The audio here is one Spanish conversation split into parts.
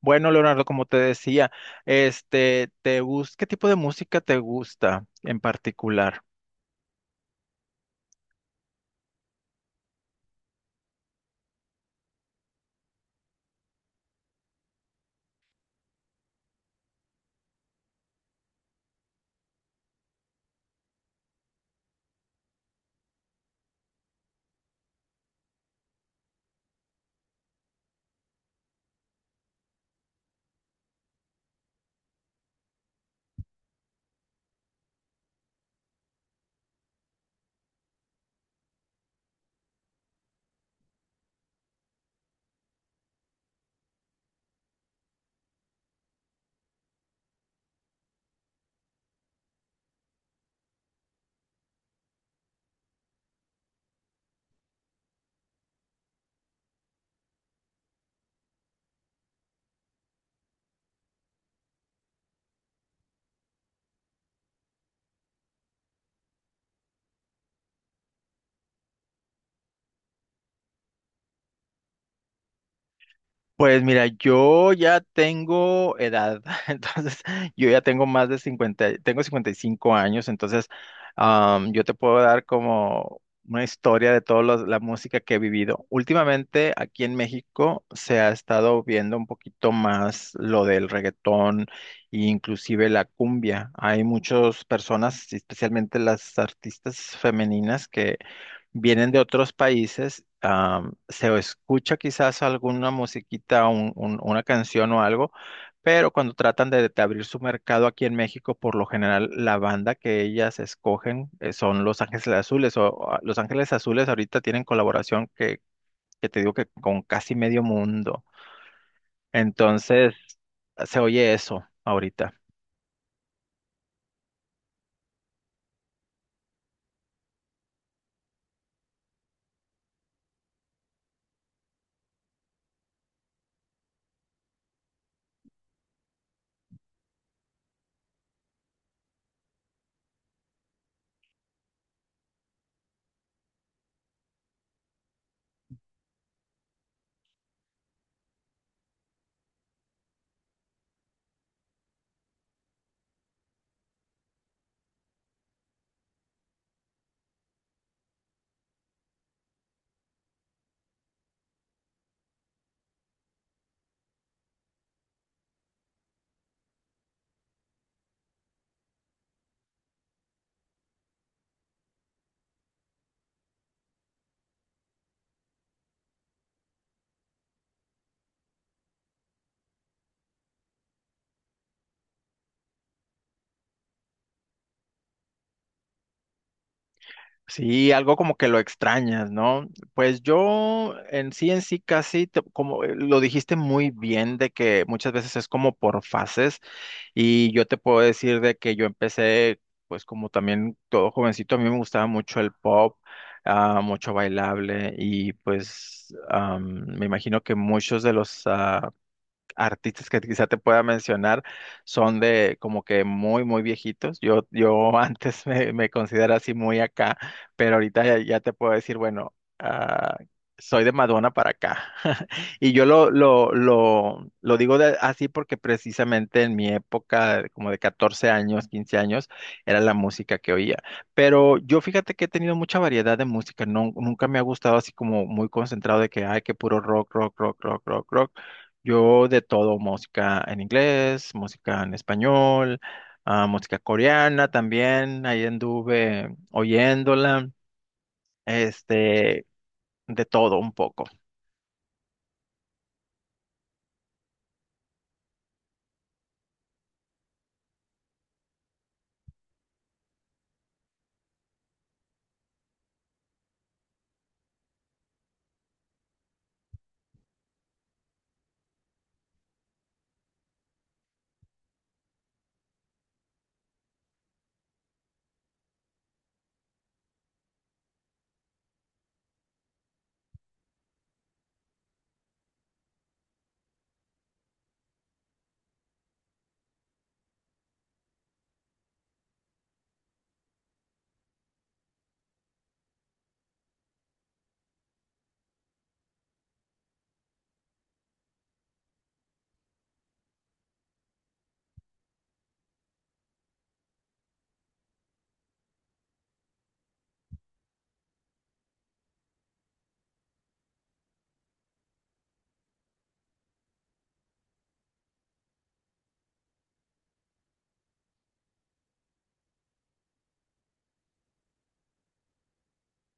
Bueno, Leonardo, como te decía, ¿qué tipo de música te gusta en particular? Pues mira, yo ya tengo edad, entonces yo ya tengo más de 50, tengo 55 años, entonces yo te puedo dar como una historia de toda la música que he vivido. Últimamente aquí en México se ha estado viendo un poquito más lo del reggaetón e inclusive la cumbia. Hay muchas personas, especialmente las artistas femeninas, que vienen de otros países, se escucha quizás alguna musiquita, una canción o algo, pero cuando tratan de abrir su mercado aquí en México, por lo general la banda que ellas escogen son Los Ángeles Azules Los Ángeles Azules ahorita tienen colaboración que te digo que con casi medio mundo. Entonces, se oye eso ahorita. Sí, algo como que lo extrañas, ¿no? Pues yo en sí, casi, como lo dijiste muy bien, de que muchas veces es como por fases. Y yo te puedo decir de que yo empecé, pues como también todo jovencito, a mí me gustaba mucho el pop, mucho bailable y pues me imagino que muchos de los artistas que quizá te pueda mencionar son de como que muy, muy viejitos. Yo antes me considero así muy acá, pero ahorita ya, ya te puedo decir, bueno, soy de Madonna para acá. Y yo lo digo así porque precisamente en mi época, como de 14 años, 15 años, era la música que oía. Pero yo fíjate que he tenido mucha variedad de música, no, nunca me ha gustado así como muy concentrado de que, ay, que puro rock, rock, rock, rock, rock, rock. Yo de todo, música en inglés, música en español, música coreana también, ahí anduve oyéndola, este, de todo un poco.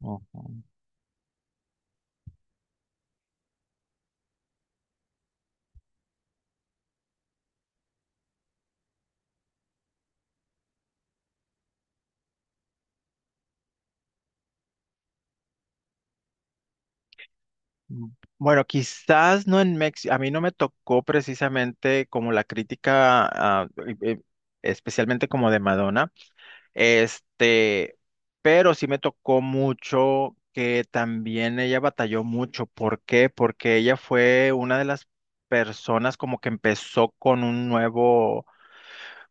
Ujú. Bueno, quizás no en México, a mí no me tocó precisamente como la crítica, especialmente como de Madonna. Este, pero sí me tocó mucho que también ella batalló mucho. ¿Por qué? Porque ella fue una de las personas como que empezó con un nuevo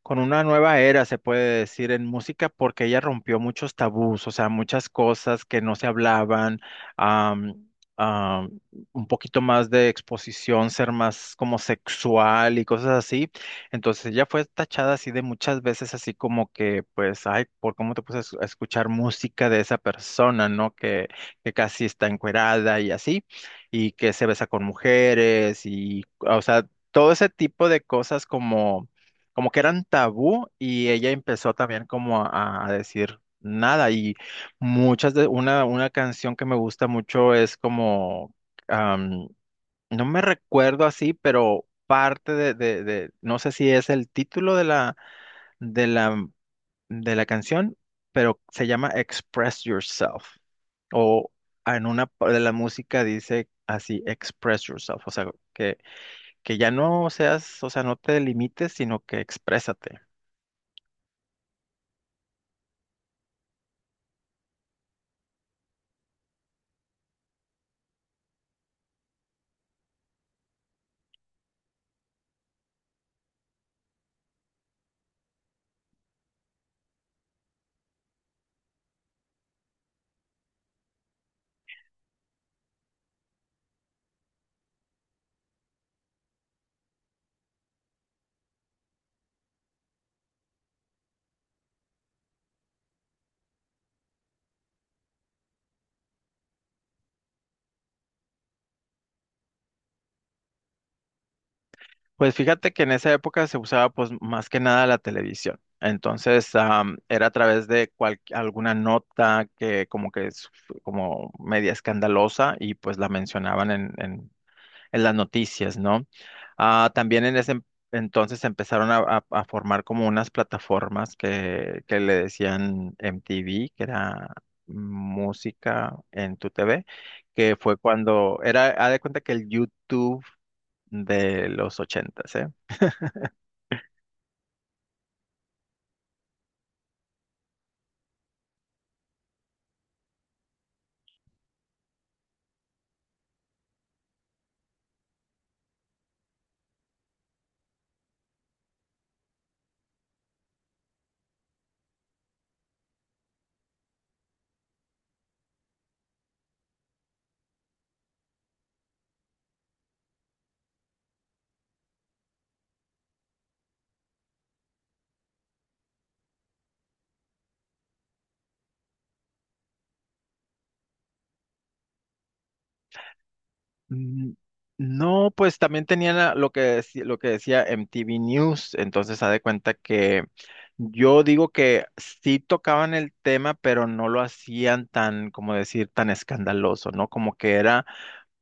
con una nueva era, se puede decir, en música, porque ella rompió muchos tabús, o sea, muchas cosas que no se hablaban, am, am, un poquito más de exposición, ser más como sexual y cosas así. Entonces ella fue tachada así de muchas veces, así como que, pues, ay, ¿por cómo te puedes a escuchar música de esa persona, no? Que casi está encuerada y así, y que se besa con mujeres y, o sea, todo ese tipo de cosas como que eran tabú y ella empezó también como a decir nada y muchas de una canción que me gusta mucho es como am, no me recuerdo así, pero parte de, de no sé si es el título de la de la de la canción, pero se llama Express Yourself o en una de la música dice así Express Yourself, o sea que ya no seas, o sea, no te limites, sino que exprésate. Pues fíjate que en esa época se usaba pues más que nada la televisión. Entonces, era a través de alguna nota que como que es como media escandalosa y pues la mencionaban en las noticias, ¿no? Ah, también en ese entonces empezaron a formar como unas plataformas que le decían MTV, que era música en tu TV, que fue cuando era, haz de cuenta, que el YouTube de los 80, eh. Mm. No, pues también tenía lo que, lo que decía MTV News, entonces haz de cuenta que yo digo que sí tocaban el tema, pero no lo hacían tan, como decir, tan escandaloso, ¿no? Como que era,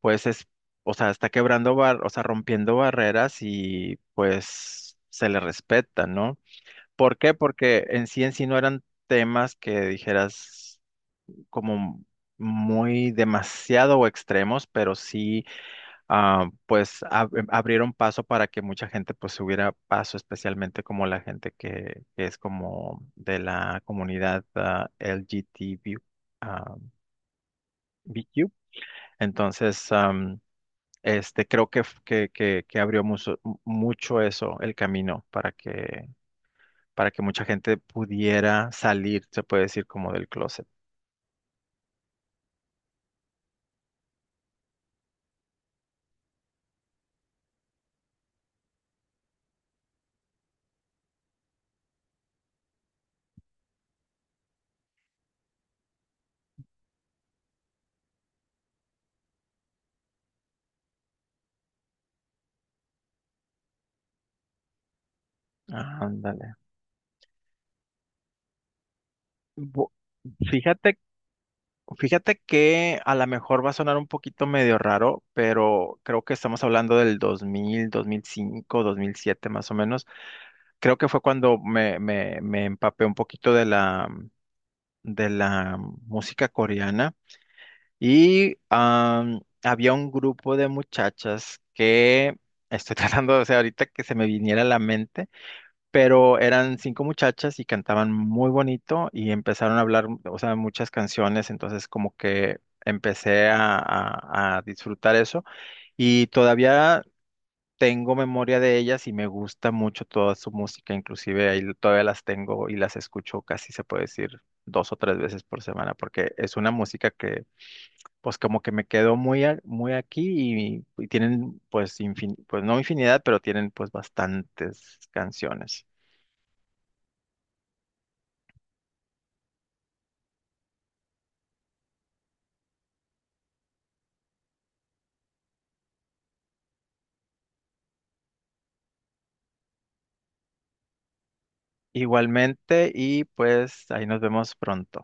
pues, es, o sea, está quebrando, o sea, rompiendo barreras y pues se le respeta, ¿no? ¿Por qué? Porque en sí no eran temas que dijeras como muy demasiado o extremos, pero sí pues abrieron paso para que mucha gente pues hubiera paso, especialmente como la gente que es como de la comunidad LGTB, ah, BQ. Entonces, este, creo que, que abrió mucho, mucho eso, el camino para que mucha gente pudiera salir, se puede decir, como del closet. Ah, ándale. Bu- Fíjate Fíjate que a lo mejor va a sonar un poquito medio raro, pero creo que estamos hablando del 2000, 2005, 2007, más o menos. Creo que fue cuando me empapé un poquito de de la música coreana y había un grupo de muchachas que estoy tratando, o sea, ahorita que se me viniera a la mente, pero eran cinco muchachas y cantaban muy bonito y empezaron a hablar, o sea, muchas canciones, entonces como que empecé a disfrutar eso y todavía tengo memoria de ellas y me gusta mucho toda su música, inclusive ahí todavía las tengo y las escucho, casi se puede decir, dos o tres veces por semana, porque es una música que pues como que me quedó muy, muy aquí, y tienen pues pues no infinidad, pero tienen pues bastantes canciones. Igualmente y pues ahí nos vemos pronto.